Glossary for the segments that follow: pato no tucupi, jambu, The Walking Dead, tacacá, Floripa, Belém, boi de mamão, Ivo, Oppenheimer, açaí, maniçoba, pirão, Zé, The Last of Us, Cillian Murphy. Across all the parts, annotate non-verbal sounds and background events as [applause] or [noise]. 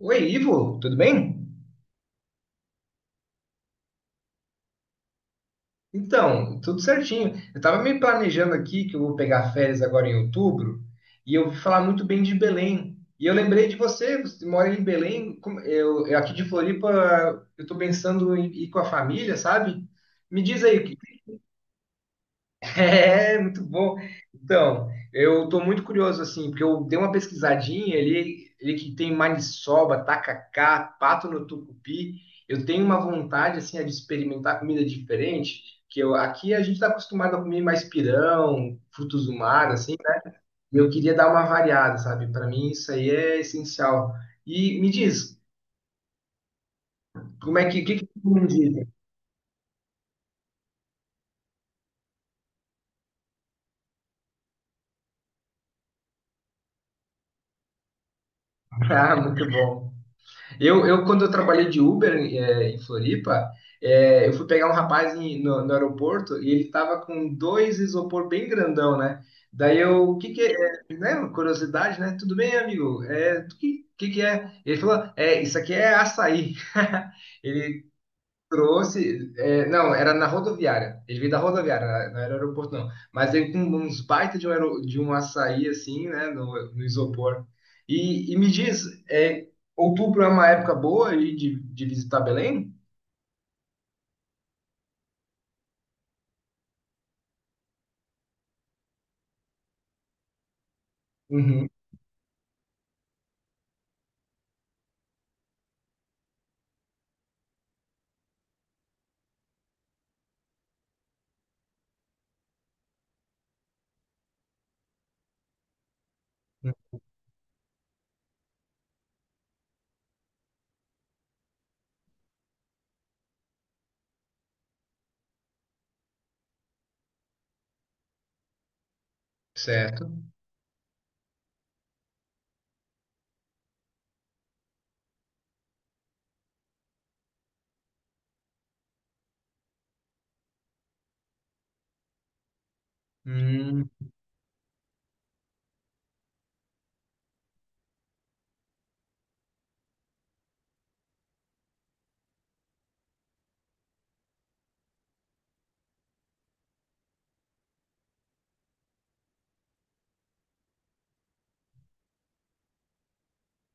Oi, Ivo, tudo bem? Então, tudo certinho. Eu estava me planejando aqui que eu vou pegar férias agora em outubro e eu ouvi falar muito bem de Belém. E eu lembrei de você, você mora em Belém, eu aqui de Floripa, eu estou pensando em ir com a família, sabe? Me diz aí. É, muito bom. Então, eu tô muito curioso, assim, porque eu dei uma pesquisadinha, ele que tem maniçoba, tacacá, pato no tucupi, eu tenho uma vontade, assim, de experimentar comida diferente, que eu, aqui a gente tá acostumado a comer mais pirão, frutos do mar, assim, né? E eu queria dar uma variada, sabe? Para mim isso aí é essencial. E me diz, como é que, o que que tu me diz? [laughs] Ah, muito bom. Quando eu trabalhei de Uber em Floripa, eu fui pegar um rapaz no aeroporto e ele tava com dois isopor bem grandão, né? Daí eu, o que que é, né? Curiosidade, né? Tudo bem, amigo? É, o que, que é? Ele falou, é, isso aqui é açaí. [laughs] Ele trouxe, é, não, era na rodoviária. Ele veio da rodoviária, não era aeroporto, não. Mas veio com uns baita de um, de um açaí, assim, né, no isopor. E me diz, é, outubro é uma época boa aí de visitar Belém? Uhum. Certo. Hum,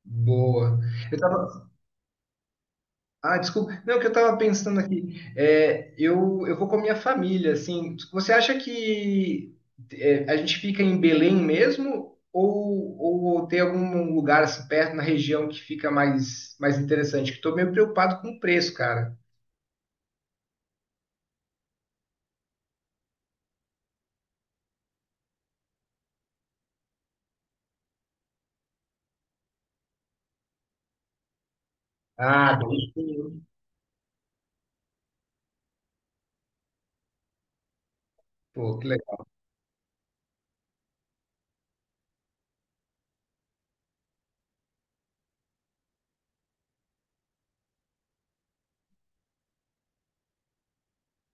boa. Ah, desculpa. Não, o que eu tava pensando aqui. Eu vou com a minha família, assim. Você acha que é, a gente fica em Belém mesmo? Ou tem algum lugar assim perto na região que fica mais, mais interessante? Que eu tô meio preocupado com o preço, cara. Ah, Belém. Pô, que legal.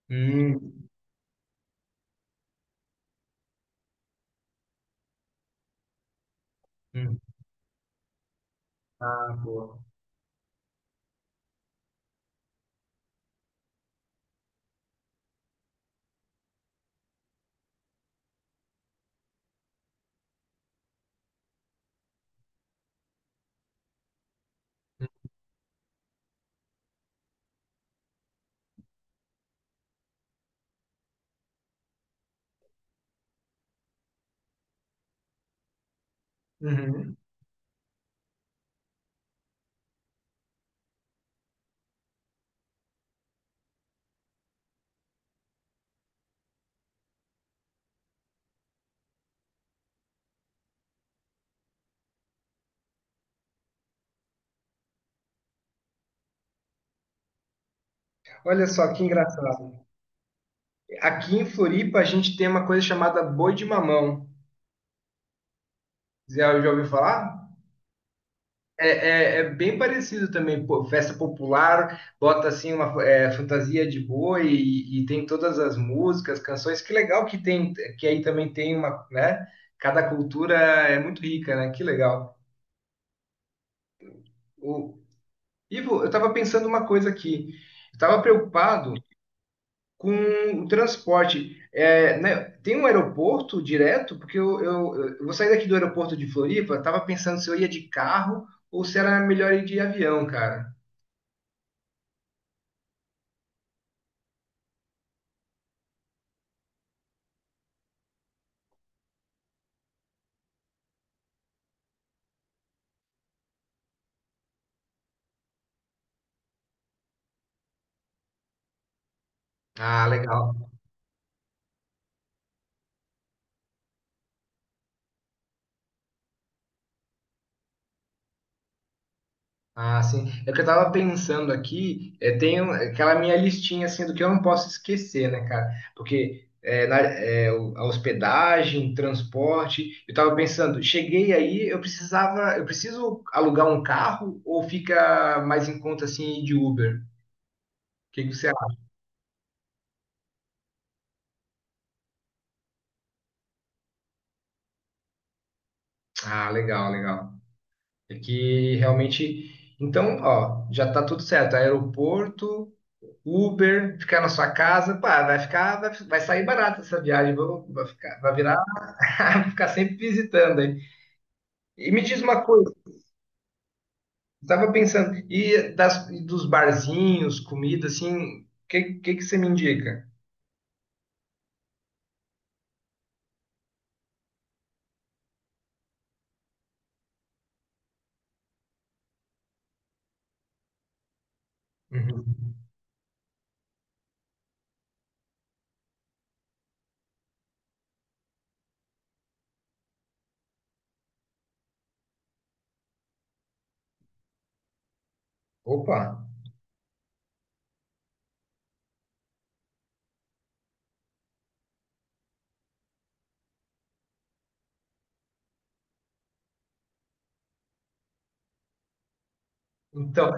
Hum, hum. Ah, boa. Uhum. Olha só que engraçado. Aqui em Floripa a gente tem uma coisa chamada boi de mamão. Zé, já ouviu falar? É, é bem parecido também, pô, festa popular, bota assim uma fantasia de boi e tem todas as músicas, canções. Que legal que tem, que aí também tem uma, né? Cada cultura é muito rica, né? Que legal. O, Ivo, eu estava pensando uma coisa aqui. Eu tava preocupado com o transporte. É, né, tem um aeroporto direto? Porque eu vou sair daqui do aeroporto de Floripa, estava pensando se eu ia de carro ou se era melhor ir de avião, cara. Ah, legal. Ah, sim. É o que eu tava pensando aqui, é, aquela minha listinha assim do que eu não posso esquecer, né, cara? Porque é, a hospedagem, transporte, eu tava pensando, cheguei aí, eu preciso alugar um carro ou fica mais em conta assim ir de Uber? O que que você acha? Ah, legal, legal. É que realmente, então, ó, já tá tudo certo. Aeroporto, Uber, ficar na sua casa, pá, vai ficar, vai sair barato essa viagem, vai ficar, vai virar. [laughs] Ficar sempre visitando aí. E me diz uma coisa, estava pensando, e dos barzinhos, comida, assim, que você me indica? Uhum. Opa, então,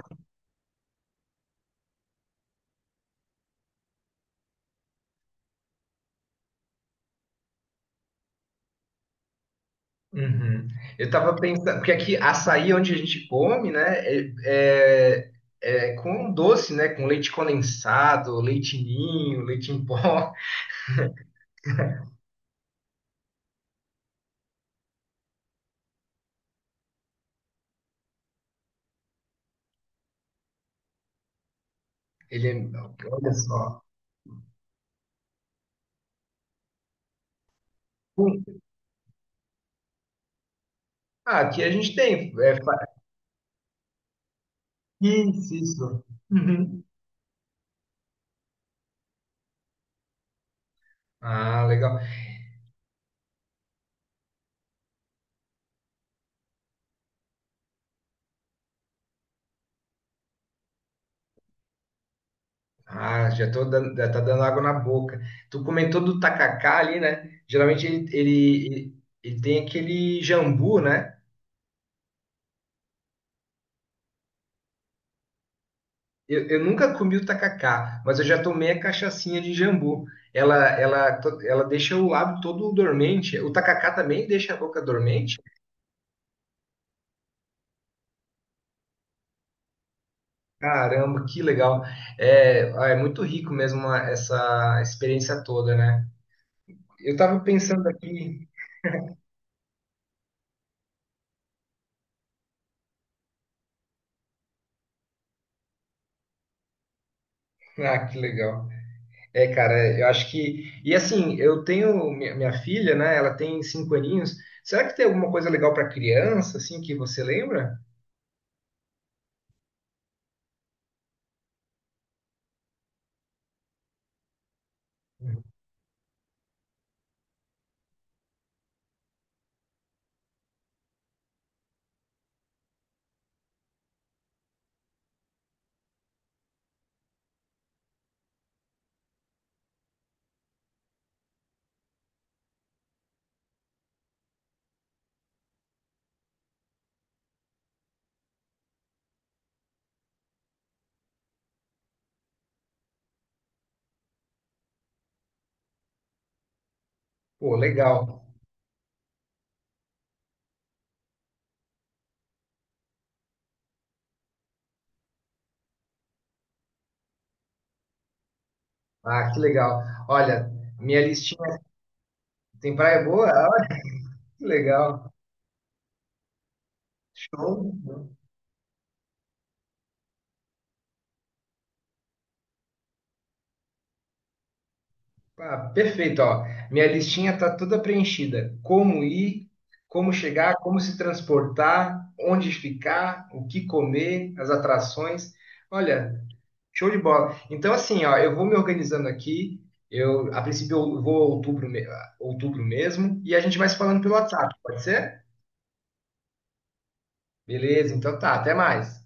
uhum. Eu tava pensando, porque aqui açaí é onde a gente come, né, é, é, é com doce, né, com leite condensado, leite ninho, leite em pó, [laughs] ele é, olha só. Hum. Ah, aqui a gente tem, é, isso, isso. Uhum. Ah, legal. Ah, já tô dando, já tá dando água na boca. Tu comentou do tacacá ali, né? Geralmente ele tem aquele jambu, né? Eu nunca comi o tacacá, mas eu já tomei a cachaçinha de jambu. Ela deixa o lábio todo dormente. O tacacá também deixa a boca dormente? Caramba, que legal. É, ah, é muito rico mesmo essa experiência toda, né? Eu tava pensando aqui. [laughs] Ah, que legal. É, cara, eu acho que. E assim, eu tenho minha filha, né? Ela tem 5 aninhos. Será que tem alguma coisa legal para criança, assim, que você lembra? Pô, legal. Ah, que legal. Olha, minha listinha tem praia boa? Ah, que legal. Show. Ah, perfeito, ó. Minha listinha tá toda preenchida. Como ir, como chegar, como se transportar, onde ficar, o que comer, as atrações. Olha, show de bola. Então, assim, ó, eu vou me organizando aqui. Eu, a princípio, eu vou a outubro, a outubro mesmo. E a gente vai se falando pelo WhatsApp, pode ser? Beleza, então tá. Até mais.